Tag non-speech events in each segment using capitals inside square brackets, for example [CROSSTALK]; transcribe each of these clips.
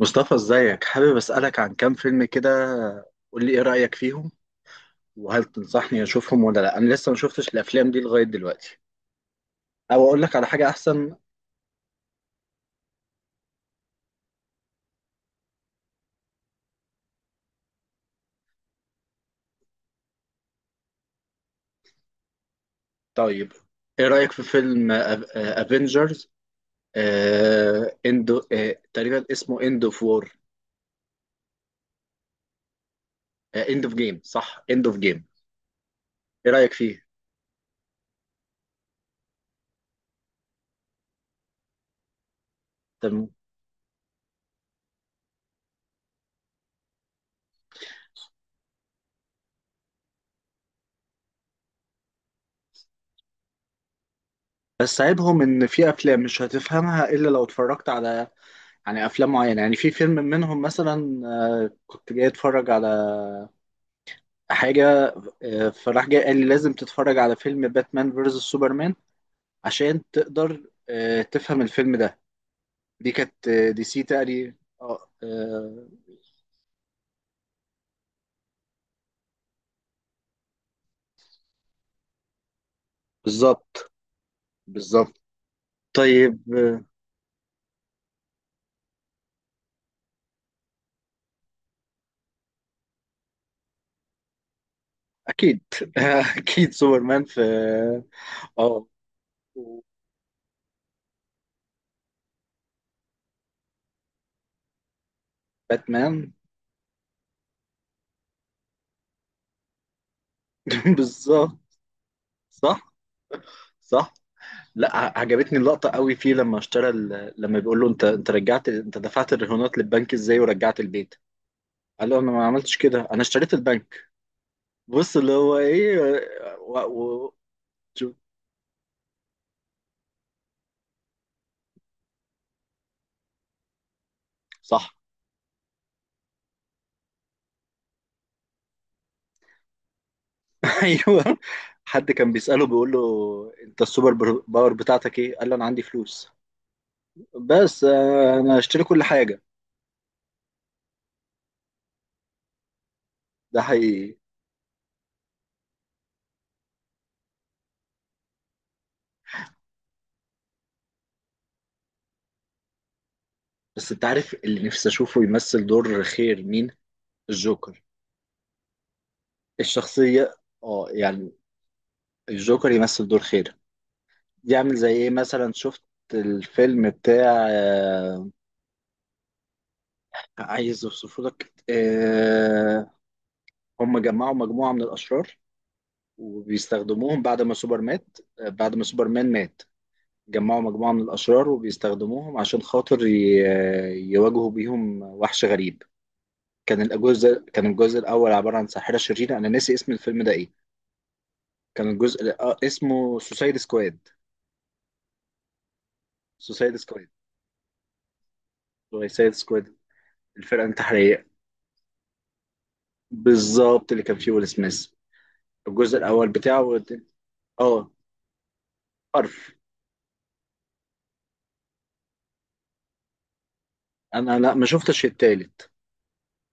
مصطفى ازيك، حابب اسالك عن كام فيلم كده. قول لي ايه رايك فيهم، وهل تنصحني اشوفهم ولا لا؟ انا لسه ما شفتش الافلام دي لغايه دلوقتي، او اقول لك على حاجه احسن؟ طيب ايه رايك في فيلم افنجرز اندو تقريبا اسمه اند اوف وور. اند اوف جيم، صح، اند اوف جيم. ايه رايك فيه؟ تمام. بس عيبهم ان في افلام مش هتفهمها الا لو اتفرجت على، يعني افلام معينه. يعني في فيلم منهم مثلا، كنت جاي اتفرج على حاجه، فراح جاي قال لي لازم تتفرج على فيلم باتمان فيرسس سوبرمان عشان تقدر تفهم الفيلم ده. دي كانت دي سي تقريبا. اه بالظبط. بالظبط. طيب اكيد. [LAUGHS] اكيد سوبرمان في. اه آه، باتمان. [LAUGHS] بالظبط. صح. صح. لا، عجبتني اللقطة قوي فيه لما اشترى لما بيقول له انت انت رجعت، انت دفعت الرهونات للبنك ازاي ورجعت البيت؟ قال له: انا ما عملتش كده، انا اشتريت البنك. بص اللي هو ايه، و... و... شوف. صح. [LAUGHS] ايوه. حد كان بيسأله، بيقول له: انت السوبر باور بتاعتك ايه؟ قال له: انا عندي فلوس. بس انا هشتري كل حاجة. ده حقيقي. بس انت عارف اللي نفسي اشوفه يمثل دور خير مين؟ الجوكر، الشخصية. اه يعني الجوكر يمثل دور خير، يعمل زي ايه مثلا. شفت الفيلم بتاع عايز اوصفه لك هم جمعوا مجموعة من الأشرار وبيستخدموهم بعد ما سوبر مات بعد ما سوبرمان مات. جمعوا مجموعة من الأشرار وبيستخدموهم عشان خاطر يواجهوا بيهم وحش غريب. كان الجزء الأول عبارة عن ساحرة شريرة. أنا ناسي اسم الفيلم ده إيه. كان الجزء الأ- اسمه سوسايد سكواد. سوسايد سكواد، سوسايد سكواد، الفرقة الانتحارية. بالظبط اللي كان فيه ويل سميث، الجزء الأول بتاعه اه حرف. أنا لا، ما شفتش التالت.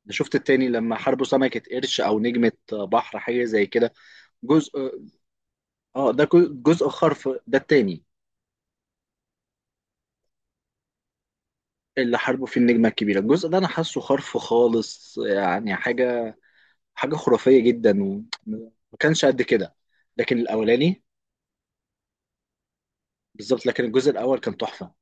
أنا شفت التاني لما حاربوا سمكة قرش أو نجمة بحر، حاجة زي كده. جزء، اه ده جزء، جزء خرف ده التاني. اللي حاربه في النجمة الكبيرة، الجزء ده انا حاسه خرف خالص، يعني حاجة حاجة خرافية جدا، وما كانش قد كده. لكن الاولاني بالظبط، لكن الجزء الاول كان تحفة.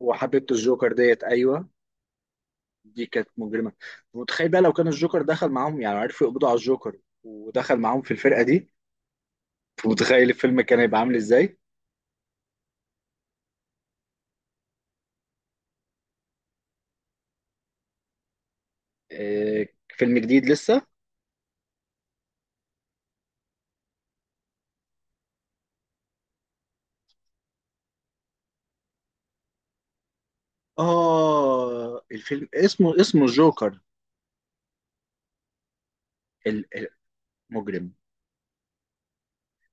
وحبيبة الجوكر ديت ايوه، دي كانت مجرمة. متخيل بقى لو كان الجوكر دخل معاهم، يعني عرفوا يقبضوا على الجوكر ودخل معاهم في الفرقة دي؟ متخيل الفيلم كان هيبقى عامل ازاي؟ فيلم جديد لسه. اه الفيلم اسمه، اسمه الجوكر. مجرم.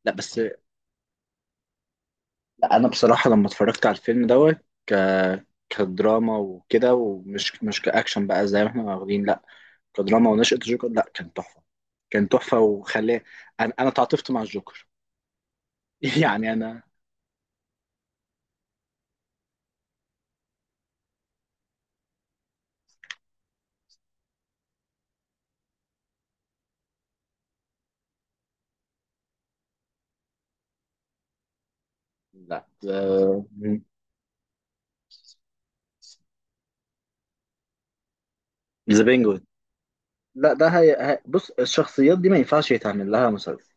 لا بس لا، انا بصراحه لما اتفرجت على الفيلم دوت ك كدراما وكده، ومش مش كاكشن بقى زي ما احنا واخدين، لا، كدراما ونشأة الجوكر، لا، كان تحفه. كان تحفه وخلاه انا انا تعاطفت مع الجوكر. [LAUGHS] يعني انا. لا، ذا بينجوين. لا ده بص، الشخصيات دي ما ينفعش يتعمل لها مسلسل.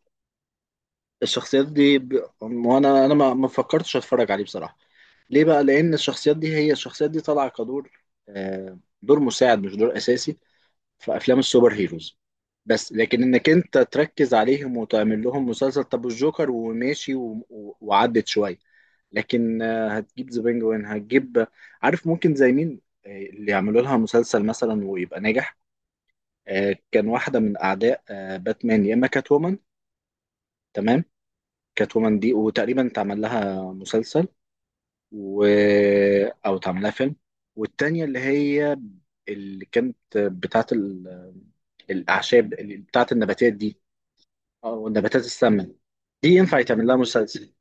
الشخصيات دي وانا ما ما فكرتش اتفرج عليه بصراحه. ليه بقى؟ لان الشخصيات دي، هي الشخصيات دي طالعه كدور، دور مساعد مش دور اساسي في افلام السوبر هيروز. بس لكن انك انت تركز عليهم وتعمل لهم مسلسل، طب الجوكر وماشي وعدت شويه. لكن هتجيب ذا بينجوين، هتجيب. عارف ممكن زي مين، اللي يعملوا لها مسلسل مثلا ويبقى ناجح؟ كان واحده من اعداء باتمان، يا اما كات وومن. تمام. كات وومن دي وتقريبا اتعمل لها مسلسل، و... او اتعمل لها فيلم. والتانيه اللي هي، اللي كانت بتاعت الاعشاب، بتاعت النباتات دي. اه والنباتات السامة، دي ينفع يتعمل لها مسلسل.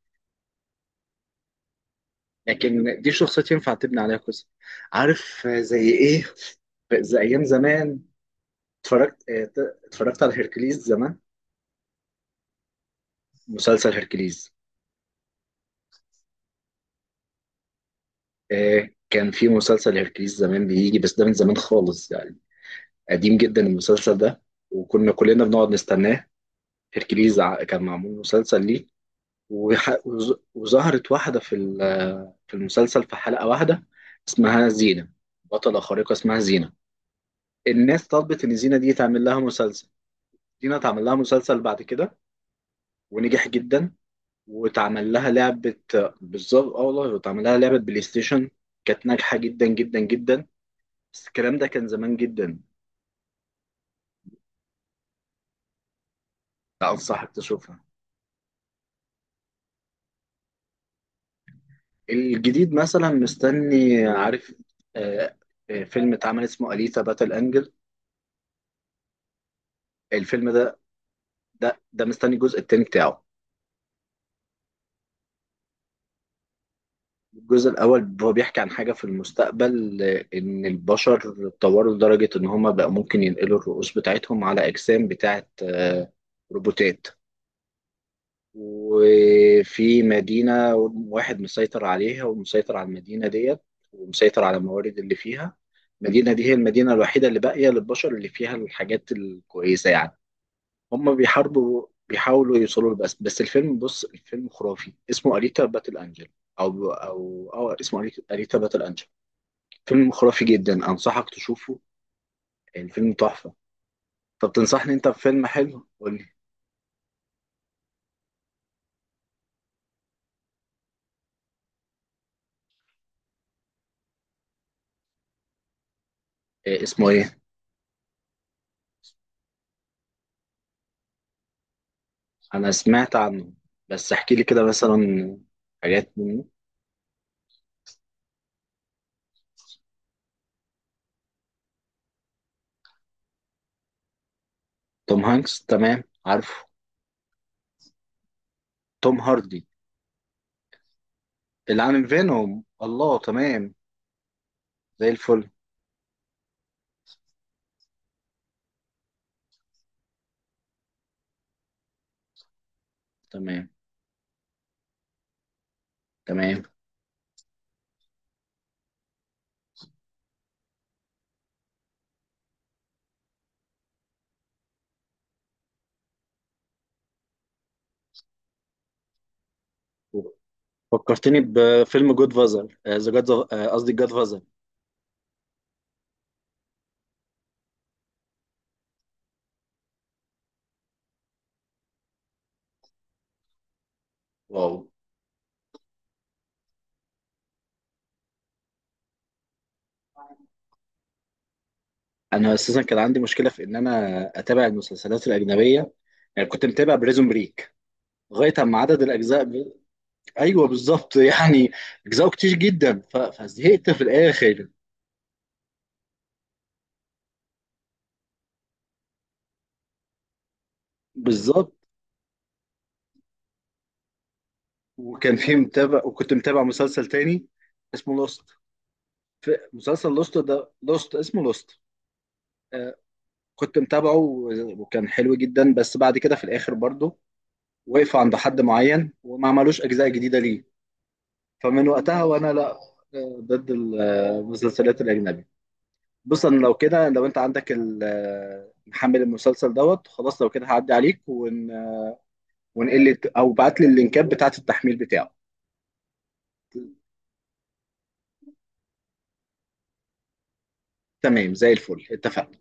لكن دي شخصيات ينفع تبني عليها قصة. عارف زي ايه؟ زي ايام زمان اتفرجت اتفرجت على هيركليز زمان، مسلسل هيركليز. كان في مسلسل هيركليز زمان بيجي، بس ده من زمان خالص يعني، قديم جدا المسلسل ده، وكنا كلنا بنقعد نستناه. هيركليز كان معمول مسلسل ليه. وظهرت واحدة في في المسلسل في حلقة واحدة، اسمها زينة. بطلة خارقة اسمها زينة. الناس طلبت ان زينة دي تعمل لها مسلسل. زينة اتعمل لها مسلسل بعد كده، ونجح جدا. واتعمل لها لعبة. بالظبط، اه والله اتعمل لها لعبة بلاي ستيشن. كانت ناجحة جدا جدا جدا. بس الكلام ده كان زمان جدا. لا انصحك تشوفها. الجديد مثلا مستني، عارف آه،، فيلم اتعمل اسمه أليسا باتل أنجل. الفيلم ده، ده ده مستني الجزء التاني بتاعه. الجزء الأول هو بيحكي عن حاجة في المستقبل، إن البشر اتطوروا لدرجة إن هما بقى ممكن ينقلوا الرؤوس بتاعتهم على أجسام بتاعت روبوتات. وفي مدينة، واحد مسيطر عليها ومسيطر على المدينة ديت، ومسيطر على الموارد اللي فيها. المدينة دي هي المدينة الوحيدة اللي باقية للبشر، اللي فيها الحاجات الكويسة يعني. هم بيحاربوا، بيحاولوا يوصلوا له. بس بس الفيلم، بص الفيلم خرافي، اسمه أليتا باتل أنجل. أو اسمه أليتا، أليتا باتل أنجل. فيلم خرافي جدا أنصحك تشوفه. الفيلم تحفة. طب تنصحني أنت بفيلم حلو، قول لي. إيه اسمه، إيه؟ أنا سمعت عنه بس احكي لي كده مثلا حاجات منه. توم هانكس، تمام عارفه. توم هاردي اللي عامل فينوم، الله، تمام، زي الفل. تمام. تمام. فكرتني بفيلم جود فازر ذا جاد، قصدي جاد. واو. انا اساسا كان عندي مشكله في ان انا اتابع المسلسلات الاجنبيه. يعني كنت متابع بريزون بريك لغايه اما عدد الاجزاء ايوه بالظبط [LAUGHS] يعني اجزاء كتير جدا، فزهقت في الاخر. بالظبط. وكان في متابع، وكنت متابع مسلسل تاني اسمه لوست. في مسلسل لوست ده، لوست اسمه لوست. آه كنت متابعه وكان حلو جدا، بس بعد كده في الاخر برضه وقف عند حد معين، وما عملوش اجزاء جديده ليه. فمن وقتها وانا لا، ضد المسلسلات الاجنبي. بص انا لو كده، لو انت عندك محمل المسلسل دوت، خلاص، لو كده هعدي عليك ونقل او بعت لي اللينكات بتاعت التحميل بتاعه. تمام زي الفل اتفقنا.